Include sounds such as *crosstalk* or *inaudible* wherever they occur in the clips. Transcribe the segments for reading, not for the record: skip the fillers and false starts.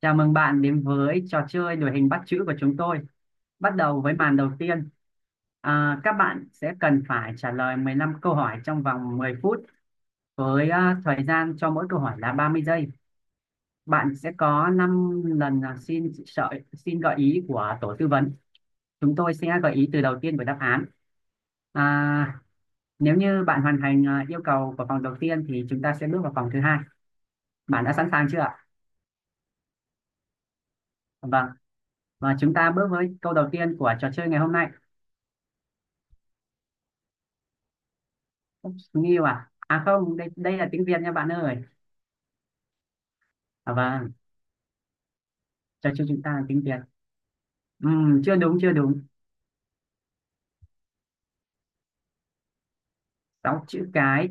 Chào mừng bạn đến với trò chơi đuổi hình bắt chữ của chúng tôi. Bắt đầu với màn đầu tiên. Các bạn sẽ cần phải trả lời 15 câu hỏi trong vòng 10 phút với thời gian cho mỗi câu hỏi là 30 giây. Bạn sẽ có 5 lần xin gợi ý của tổ tư vấn. Chúng tôi sẽ gợi ý từ đầu tiên của đáp án. À, Nếu như bạn hoàn thành yêu cầu của vòng đầu tiên thì chúng ta sẽ bước vào vòng thứ hai. Bạn đã sẵn sàng chưa ạ? Vâng. Và chúng ta bước với câu đầu tiên của trò chơi ngày hôm nay. Oops, Nghiêu à? À không, đây đây là tiếng Việt nha bạn ơi. À vâng, trò chơi chúng ta là tiếng Việt. Chưa đúng, chưa đúng. Sáu chữ cái,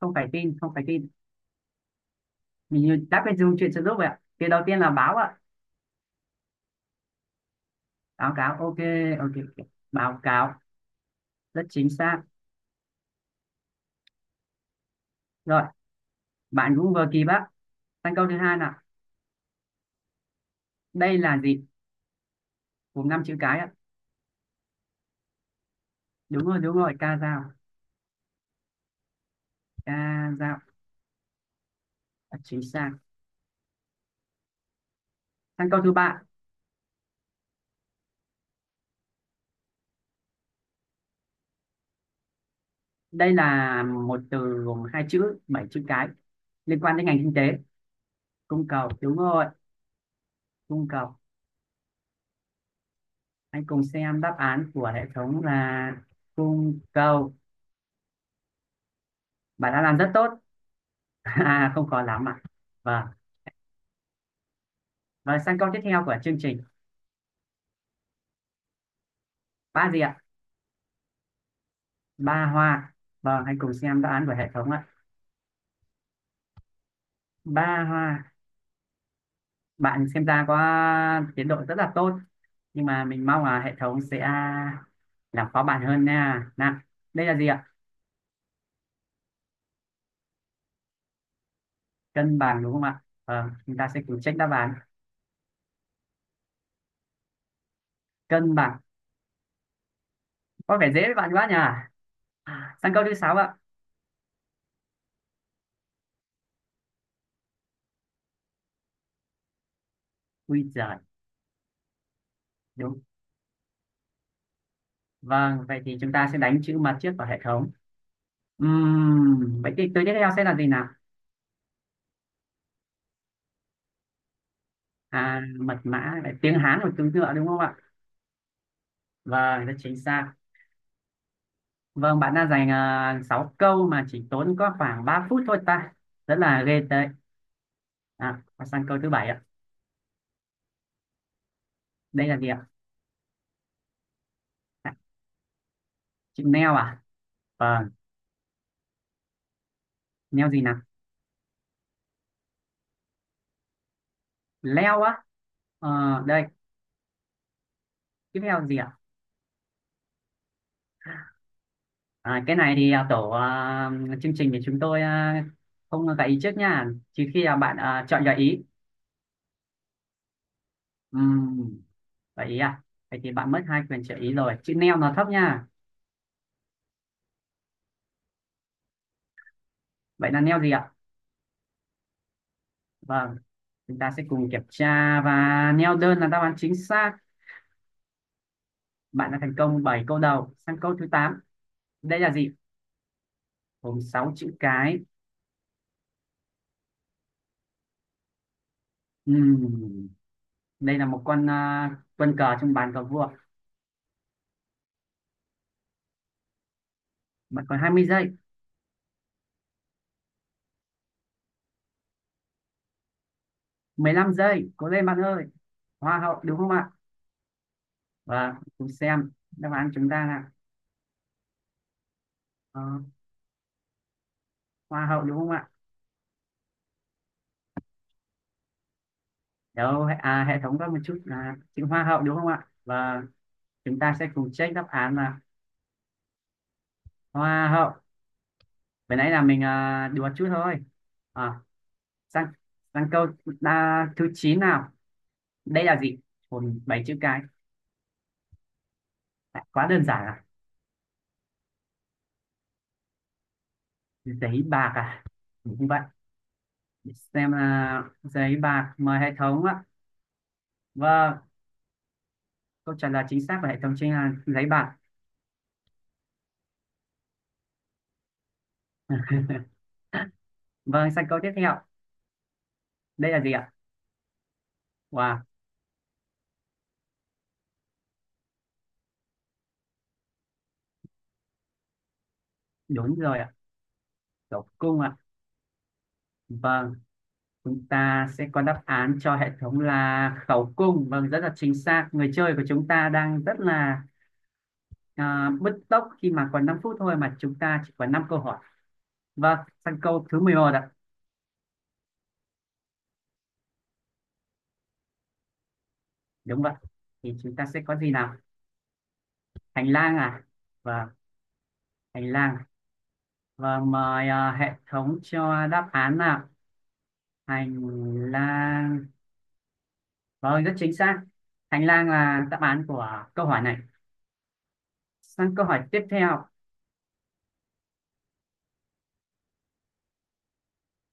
không phải tin, không phải tin. Mình như đáp bên dùng chuyện trợ giúp vậy ạ. Thì đầu tiên là báo ạ. Báo cáo, ok, ok, ok. Báo cáo, rất chính xác. Rồi, bạn cũng vừa kịp á. Sang câu thứ hai nào. Đây là gì? Gồm năm chữ cái ạ. Đúng rồi, ca dao, chính xác. Sang câu thứ ba. Đây là một từ gồm hai chữ, bảy chữ cái liên quan đến ngành kinh tế. Cung cầu, đúng rồi, cung cầu. Hãy cùng xem đáp án của hệ thống là cung cầu. Bạn đã làm rất tốt. *laughs* À, không khó lắm ạ. Vâng. Và sang câu tiếp theo của chương trình. Ba gì ạ? Ba hoa. Vâng, hãy cùng xem đáp án của hệ thống ạ. Ba hoa. Bạn xem ra có tiến độ rất là tốt. Nhưng mà mình mong là hệ thống sẽ làm khó bạn hơn nha. Nào, đây là gì ạ? Cân bằng đúng không ạ? Ờ, chúng ta sẽ cùng check đáp án. Cân bằng, có vẻ dễ với bạn quá nhỉ. Sang câu thứ sáu ạ. Ui giời, đúng. Vâng, vậy thì chúng ta sẽ đánh chữ mặt trước vào hệ thống. Vậy thì từ tiếp theo sẽ là gì nào? Mật mã, lại tiếng Hán của từ ngựa đúng không ạ? Vâng, rất chính xác. Vâng, bạn đã dành 6 câu mà chỉ tốn có khoảng 3 phút thôi ta. Rất là ghê tệ. Và sang câu thứ bảy ạ. Đây là gì ạ? à, Chữ neo à? Vâng, neo gì nào? Leo á? Ờ, đây. Tiếp theo gì ạ? À, cái này thì chương trình thì chúng tôi không gợi ý trước nha. Trừ khi là bạn chọn gợi ý. Ừm, gợi ý à? Vậy thì bạn mất hai quyền trợ ý rồi. Chữ neo nó thấp nha. Vậy là neo gì ạ? Vâng, chúng ta sẽ cùng kiểm tra và neo đơn là đáp án chính xác. Bạn đã thành công 7 câu đầu. Sang câu thứ tám. Đây là gì? Gồm sáu chữ cái. Ừm, đây là một quân cờ trong bàn cờ vua. Bạn còn 20 giây, 15 giây. Cố lên bạn ơi. Hoa hậu đúng không ạ? Và cùng xem đáp án chúng ta là ờ, hoa hậu đúng không ạ? Đâu, hệ thống có một chút là chữ hoa hậu đúng không ạ? Và chúng ta sẽ cùng check đáp án là hoa hậu. Vừa nãy là mình đùa chút thôi. À, sang sang câu thứ 9 nào. Đây là gì? Còn bảy chữ cái. Quá đơn giản à? Giấy bạc à? Đúng không vậy? Xem là giấy bạc, mời hệ thống ạ. Vâng, câu trả lời chính xác của hệ thống chính là giấy bạc. *laughs* Vâng, sang câu tiếp theo. Đây là gì ạ? Wow, đúng rồi ạ. Khẩu cung ạ. Vâng, chúng ta sẽ có đáp án cho hệ thống là khẩu cung. Vâng, rất là chính xác. Người chơi của chúng ta đang rất là bứt tốc khi mà còn 5 phút thôi mà chúng ta chỉ còn 5 câu hỏi. Vâng, sang câu thứ 11 ạ. Đúng vậy, thì chúng ta sẽ có gì nào? Hành lang à? Vâng, hành lang. Và mời hệ thống cho đáp án nào. Hành lang. Vâng, rất chính xác. Hành lang là đáp án của câu hỏi này. Sang câu hỏi tiếp theo.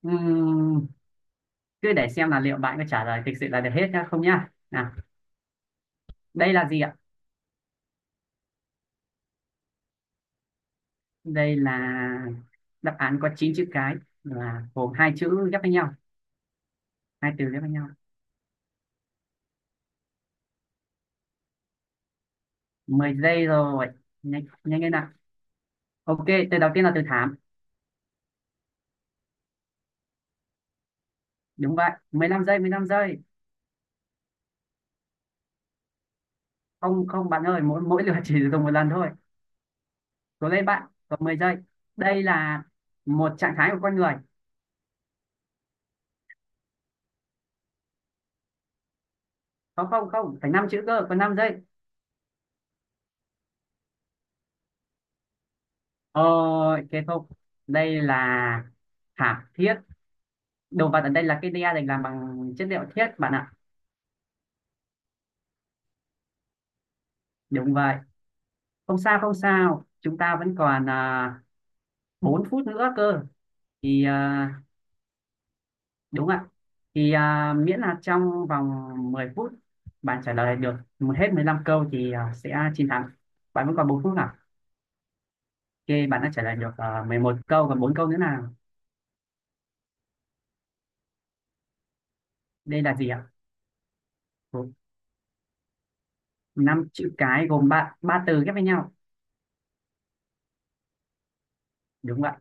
Ừm, cứ để xem là liệu bạn có trả lời thực sự là được hết nhá không nhá nào. Đây là gì ạ? Đây là đáp án có 9 chữ cái, là gồm hai chữ ghép với nhau, hai từ ghép với nhau. 10 giây rồi, nhanh nhanh lên nào. Ok, từ đầu tiên là từ thảm. Đúng vậy. 15 giây, 15 giây. Không không bạn ơi, mỗi mỗi lượt *laughs* chỉ dùng một lần thôi. Cố lên bạn, còn 10 giây. Đây là một trạng thái của con người. Không không không, phải 5 chữ cơ, còn 5 giây. Ờ, cái không. Đây là thảm thiết. Đồ vật ở đây là cái đe được làm bằng chất liệu thiết bạn ạ. Đúng vậy, không sao không sao, chúng ta vẫn còn 4 phút nữa cơ. thì à, Đúng ạ. Miễn là trong vòng 10 phút bạn trả lời được một hết 15 câu thì sẽ chiến thắng. Bạn vẫn còn 4 phút à. Ok, bạn đã trả lời được 11 câu, còn 4 câu nữa nào. Đây là gì ạ? Năm chữ cái, gồm ba ba từ ghép với nhau. Đúng vậy.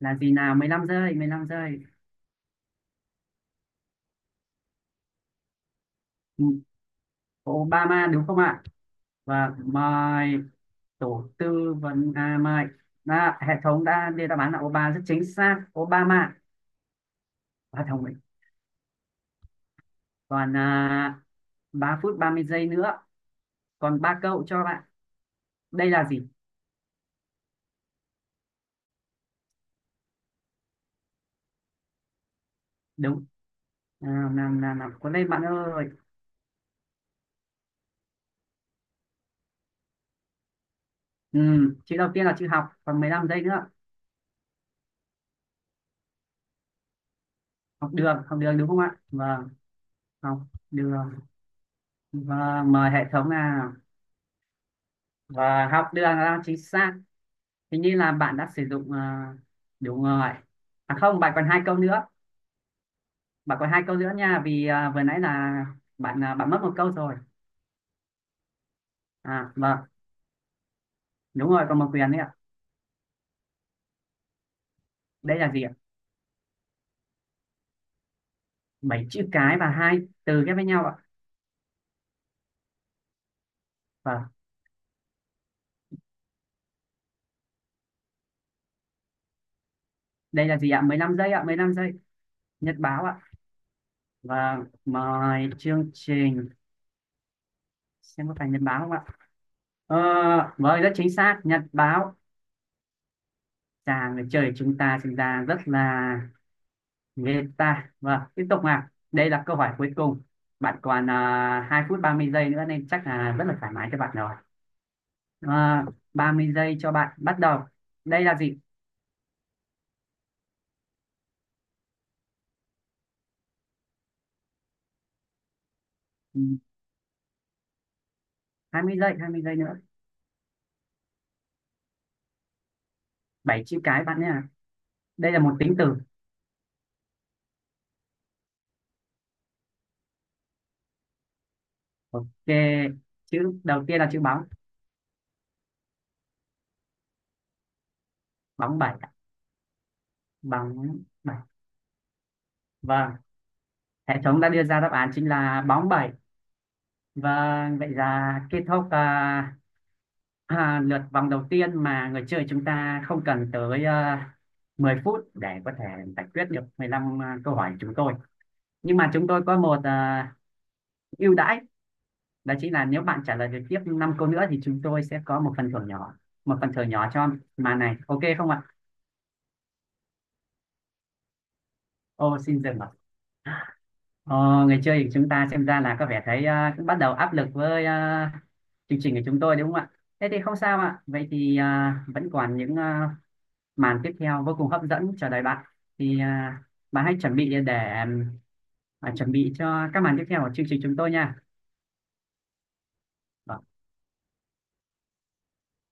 Là gì nào? Mười lăm giây, 15 giây. Ừ, Obama đúng không ạ? Và mời tổ tư vấn, mời hệ thống đã đưa đáp án là Obama. Rất chính xác, Obama. Và thông minh. Còn 3 phút 30 giây nữa, còn ba câu cho bạn. Đây là gì? Đúng. Nào nào nào, nào. Có lên bạn ơi. Ừ, chữ đầu tiên là chữ học, còn 15 giây nữa. Học đường, học đường đúng không ạ? Vâng, học đường. Vâng, mời hệ thống nào. Và học đường là chính xác. Hình như là bạn đã sử dụng ờ, đúng rồi. À không, bạn còn hai câu nữa. Bạn còn hai câu nữa nha vì vừa nãy là bạn mất một câu rồi. À vâng, đúng rồi, còn một quyền đấy ạ. Đây là gì ạ? Bảy chữ cái và hai từ ghép với nhau ạ. Vâng. Đây là gì ạ? Mười lăm giây ạ, mười lăm giây. Nhật báo ạ? Vâng, mời chương trình xem có phải nhật báo không ạ. Ờ, vâng, rất chính xác, nhật báo. Chàng trời chúng ta sinh ra rất là Game ta. Vâng, tiếp tục nào. Đây là câu hỏi cuối cùng. Bạn còn 2 phút 30 giây nữa nên chắc là rất là thoải mái cho bạn rồi. à, Ba mươi giây cho bạn, bắt đầu. Đây là gì? Ừ, hai mươi giây, 20 giây nữa. 7 chữ cái bạn nhé, đây là một tính từ. Ok, chữ đầu tiên là chữ bóng. Bóng bảy. Bóng bảy, vâng. Hệ thống đã đưa ra đáp án chính là bóng bảy. Vâng, vậy là kết thúc lượt vòng đầu tiên mà người chơi chúng ta không cần tới 10 phút để có thể giải quyết được 15 câu hỏi của chúng tôi. Nhưng mà chúng tôi có một ưu đãi, đó chính là nếu bạn trả lời được tiếp 5 câu nữa thì chúng tôi sẽ có một phần thưởng nhỏ, một phần thưởng nhỏ cho màn này. Ok không ạ? Ô, xin dừng ạ. Ờ, người chơi của chúng ta xem ra là có vẻ thấy cũng bắt đầu áp lực với chương trình của chúng tôi đúng không ạ? Thế thì không sao ạ. Vậy thì vẫn còn những màn tiếp theo vô cùng hấp dẫn chờ đợi bạn. Thì à, Bạn hãy chuẩn bị để chuẩn bị cho các màn tiếp theo của chương trình chúng tôi nha. Vâng.